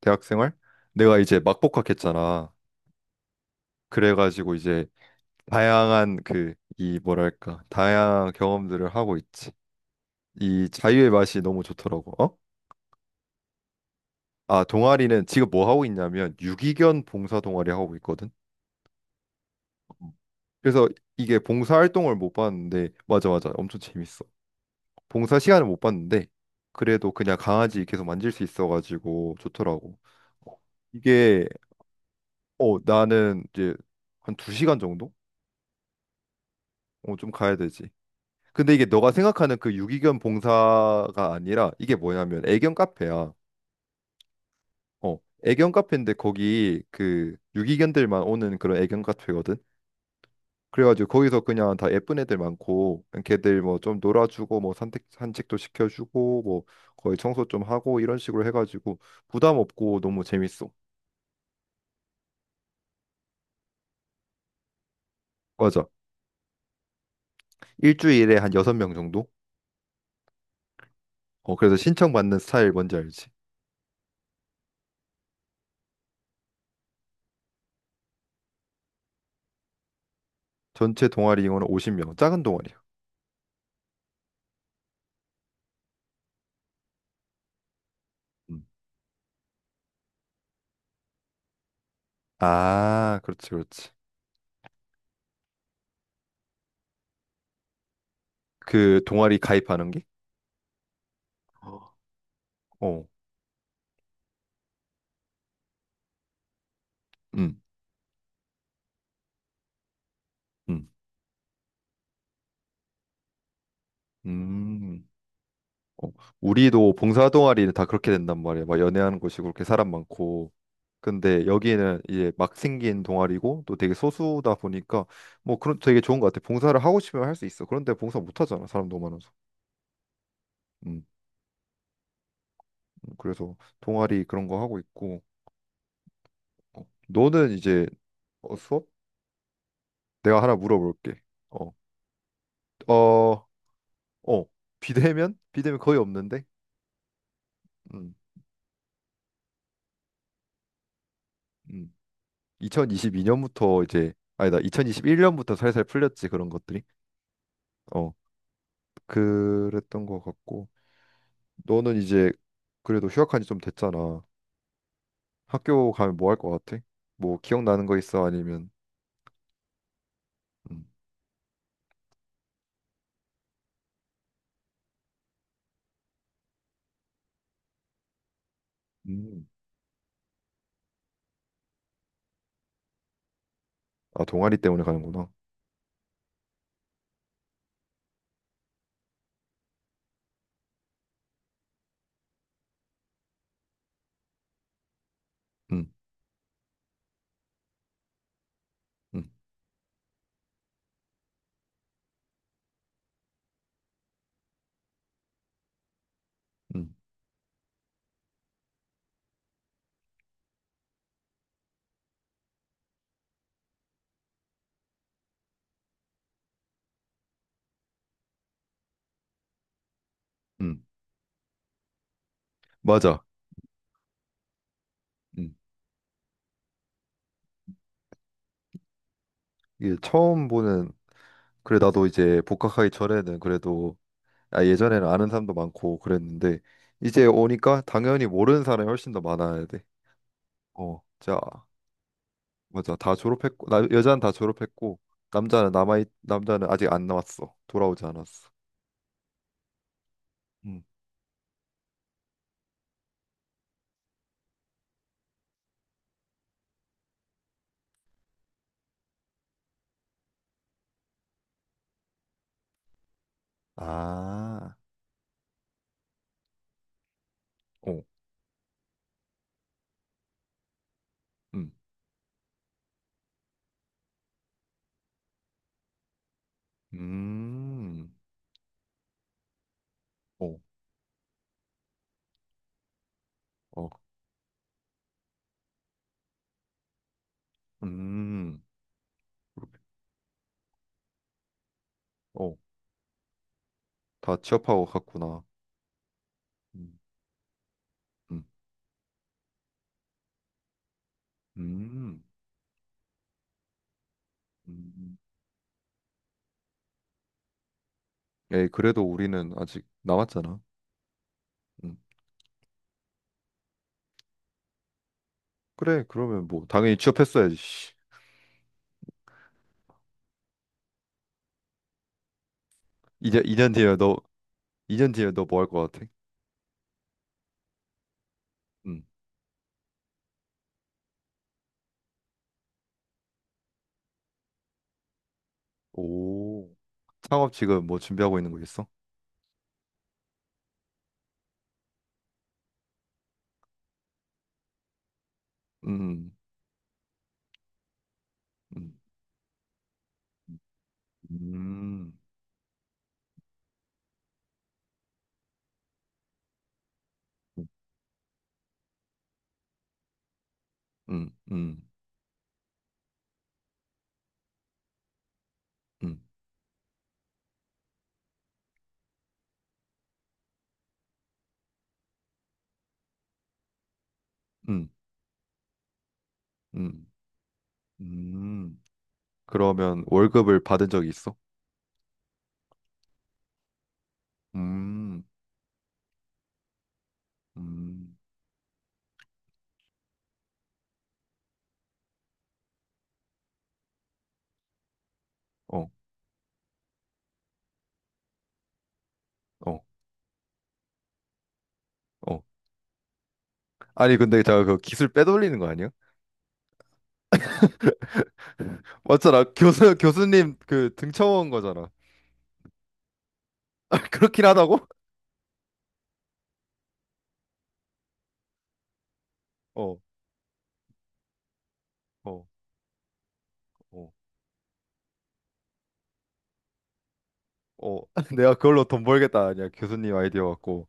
대학 생활. 내가 이제 막 복학했잖아. 그래가지고 이제 다양한 그 이 뭐랄까 다양한 경험들을 하고 있지. 이 자유의 맛이 너무 좋더라고. 어? 아, 동아리는 지금 뭐 하고 있냐면 유기견 봉사 동아리 하고 있거든. 그래서 이게 봉사 활동을 못 봤는데, 맞아, 맞아, 엄청 재밌어. 봉사 시간을 못 봤는데 그래도 그냥 강아지 계속 만질 수 있어가지고 좋더라고. 이게 나는 이제 한 2시간 정도? 좀 가야 되지. 근데 이게 너가 생각하는 그 유기견 봉사가 아니라 이게 뭐냐면 애견 카페야. 어, 애견 카페인데 거기 그 유기견들만 오는 그런 애견 카페거든. 그래가지고 거기서 그냥 다 예쁜 애들 많고 걔들 뭐 좀 놀아주고 뭐 산책도 시켜주고 뭐 거의 청소 좀 하고 이런 식으로 해가지고 부담 없고 너무 재밌어. 맞아. 일주일에 한 6명 정도? 그래서 신청받는 스타일 뭔지 알지? 전체 동아리 인원은 50명. 작은 동아리야. 음. 아, 그렇지, 그렇지. 그 동아리 가입하는 게? 어, 어. 음, 음, 음. 어, 우리도 봉사 동아리는 다 그렇게 된단 말이야. 막 연애하는 곳이고 그렇게 사람 많고. 근데 여기는 이제 막 생긴 동아리고 또 되게 소수다 보니까 뭐 그런 되게 좋은 것 같아. 봉사를 하고 싶으면 할 수 있어. 그런데 봉사 못 하잖아. 사람 너무 많아서. 음, 그래서 동아리 그런 거 하고 있고. 어, 너는 이제. 어, 수업? 내가 하나 물어볼게. 어, 어, 어, 비대면? 비대면 거의 없는데. 음, 음. 2022년부터 이제 아니다 2021년부터 살살 풀렸지 그런 것들이. 어 그랬던 것 같고 너는 이제 그래도 휴학한 지 좀 됐잖아. 학교 가면 뭐 할 것 같아? 뭐 기억나는 거 있어? 아니면 음. 음. 아, 동아리 때문에 가는구나. 음, 음, 음, 음. 맞아. 음. 이게 처음 보는. 그래, 나도 이제 복학하기 전에는 그래도, 아, 예전에는 아는 사람도 많고 그랬는데 이제 오니까 당연히 모르는 사람이 훨씬 더 많아야 돼. 어, 자, 맞아. 다 졸업했고, 나, 여자는 다 졸업했고 남자는 아직 안 나왔어. 돌아오지 않았어. 음. 아. 어. 음. 음. 어. 어. 음. 그렇게. 어. 다 취업하고 갔구나. 음. 음. 음. 음. 에이, 그래도 우리는 아직 남았잖아. 음. 그래. 그러면 뭐 당연히 취업했어야지. 씨. 이제 2년 뒤에 너. 2년 뒤에 너 뭐 할 것 같아? 음. 오. 창업 지금 뭐 준비하고 있는 거 있어? 음. 음. 음, 음, 음, 음, 음, 음, 음. 그러면 월급을 받은 적이 있어? 음, 음, 어, 어, 어. 아니, 근데 제가 그 기술 빼돌리는 거 아니야? 맞잖아. 교수님 그 등쳐온 거잖아. 아, 그렇긴 하다고? 어, 어, 어, 어. 내가 그걸로 돈 벌겠다. 아니야. 교수님 아이디어 갖고.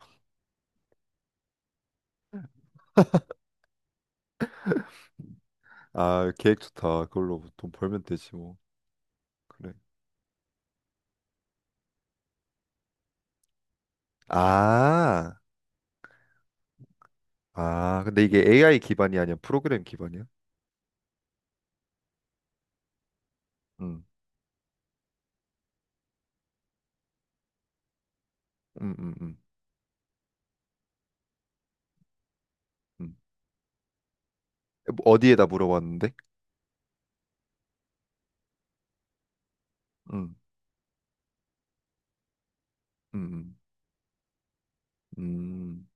아, 계획 좋다. 그걸로 돈 벌면 되지 뭐. 그래. 아, 아, 근데 이게 AI 기반이 아니야? 프로그램 기반이야? 응. 음, 음, 음, 음. 어디에다 물어봤는데? 음, 음, 음, 음.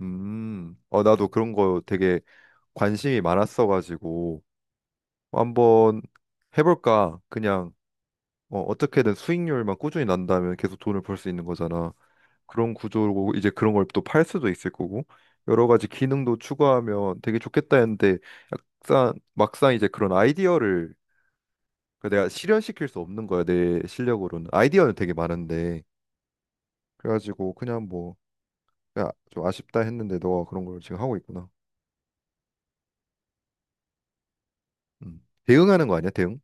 음. 어, 나도 그런 거 되게 관심이 많았어가지고 한번 해볼까? 그냥, 어, 어떻게든 수익률만 꾸준히 난다면 계속 돈을 벌 수 있는 거잖아. 그런 구조고 이제 그런 걸 또 팔 수도 있을 거고 여러 가지 기능도 추가하면 되게 좋겠다 했는데 약간 막상 이제 그런 아이디어를 그 내가 실현시킬 수 없는 거야. 내 실력으로는 아이디어는 되게 많은데 그래가지고 그냥 뭐, 야, 좀 아쉽다 했는데 너가 그런 걸 지금 하고 있구나. 음. 대응하는 거 아니야, 대응?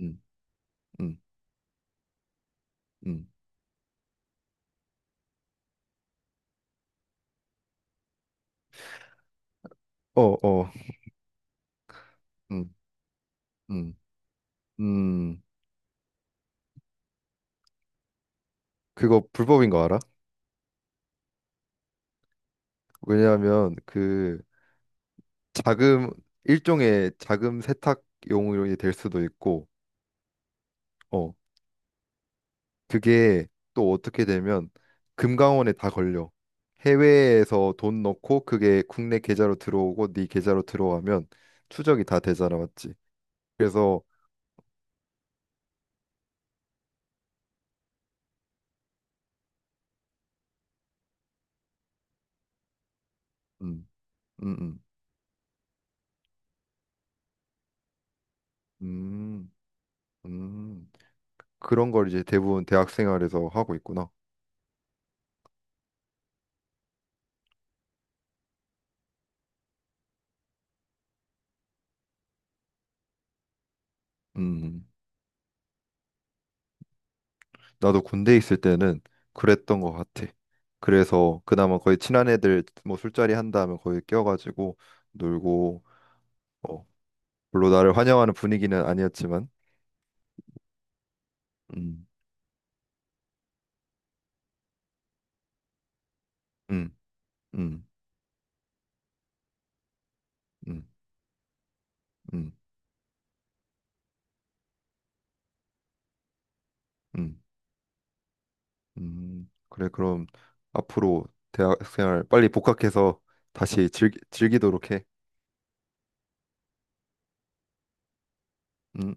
음, 음, 음. 어, 어, 음, 음, 음. 그거 불법인 거 알아? 왜냐하면 그 자금 일종의 자금 세탁용으로 될 수도 있고, 어, 그게 또 어떻게 되면 금감원에 다 걸려. 해외에서 돈 넣고 그게 국내 계좌로 들어오고 네 계좌로 들어가면 추적이 다 되잖아, 맞지? 그래서 음, 음, 음. 음. 음, 그런 걸 이제 대부분 대학 생활에서 하고 있구나. 음, 나도 군대 있을 때는 그랬던 것 같아. 그래서 그나마 거의 친한 애들 뭐 술자리 한다 하면 거의 껴가지고 놀고, 어, 물론 나를 환영하는 분위기는 아니었지만, 음, 음, 음, 음, 음, 음, 그래, 그럼 앞으로 대학 생활 빨리 복학해서 다시 즐기도록 해. 음.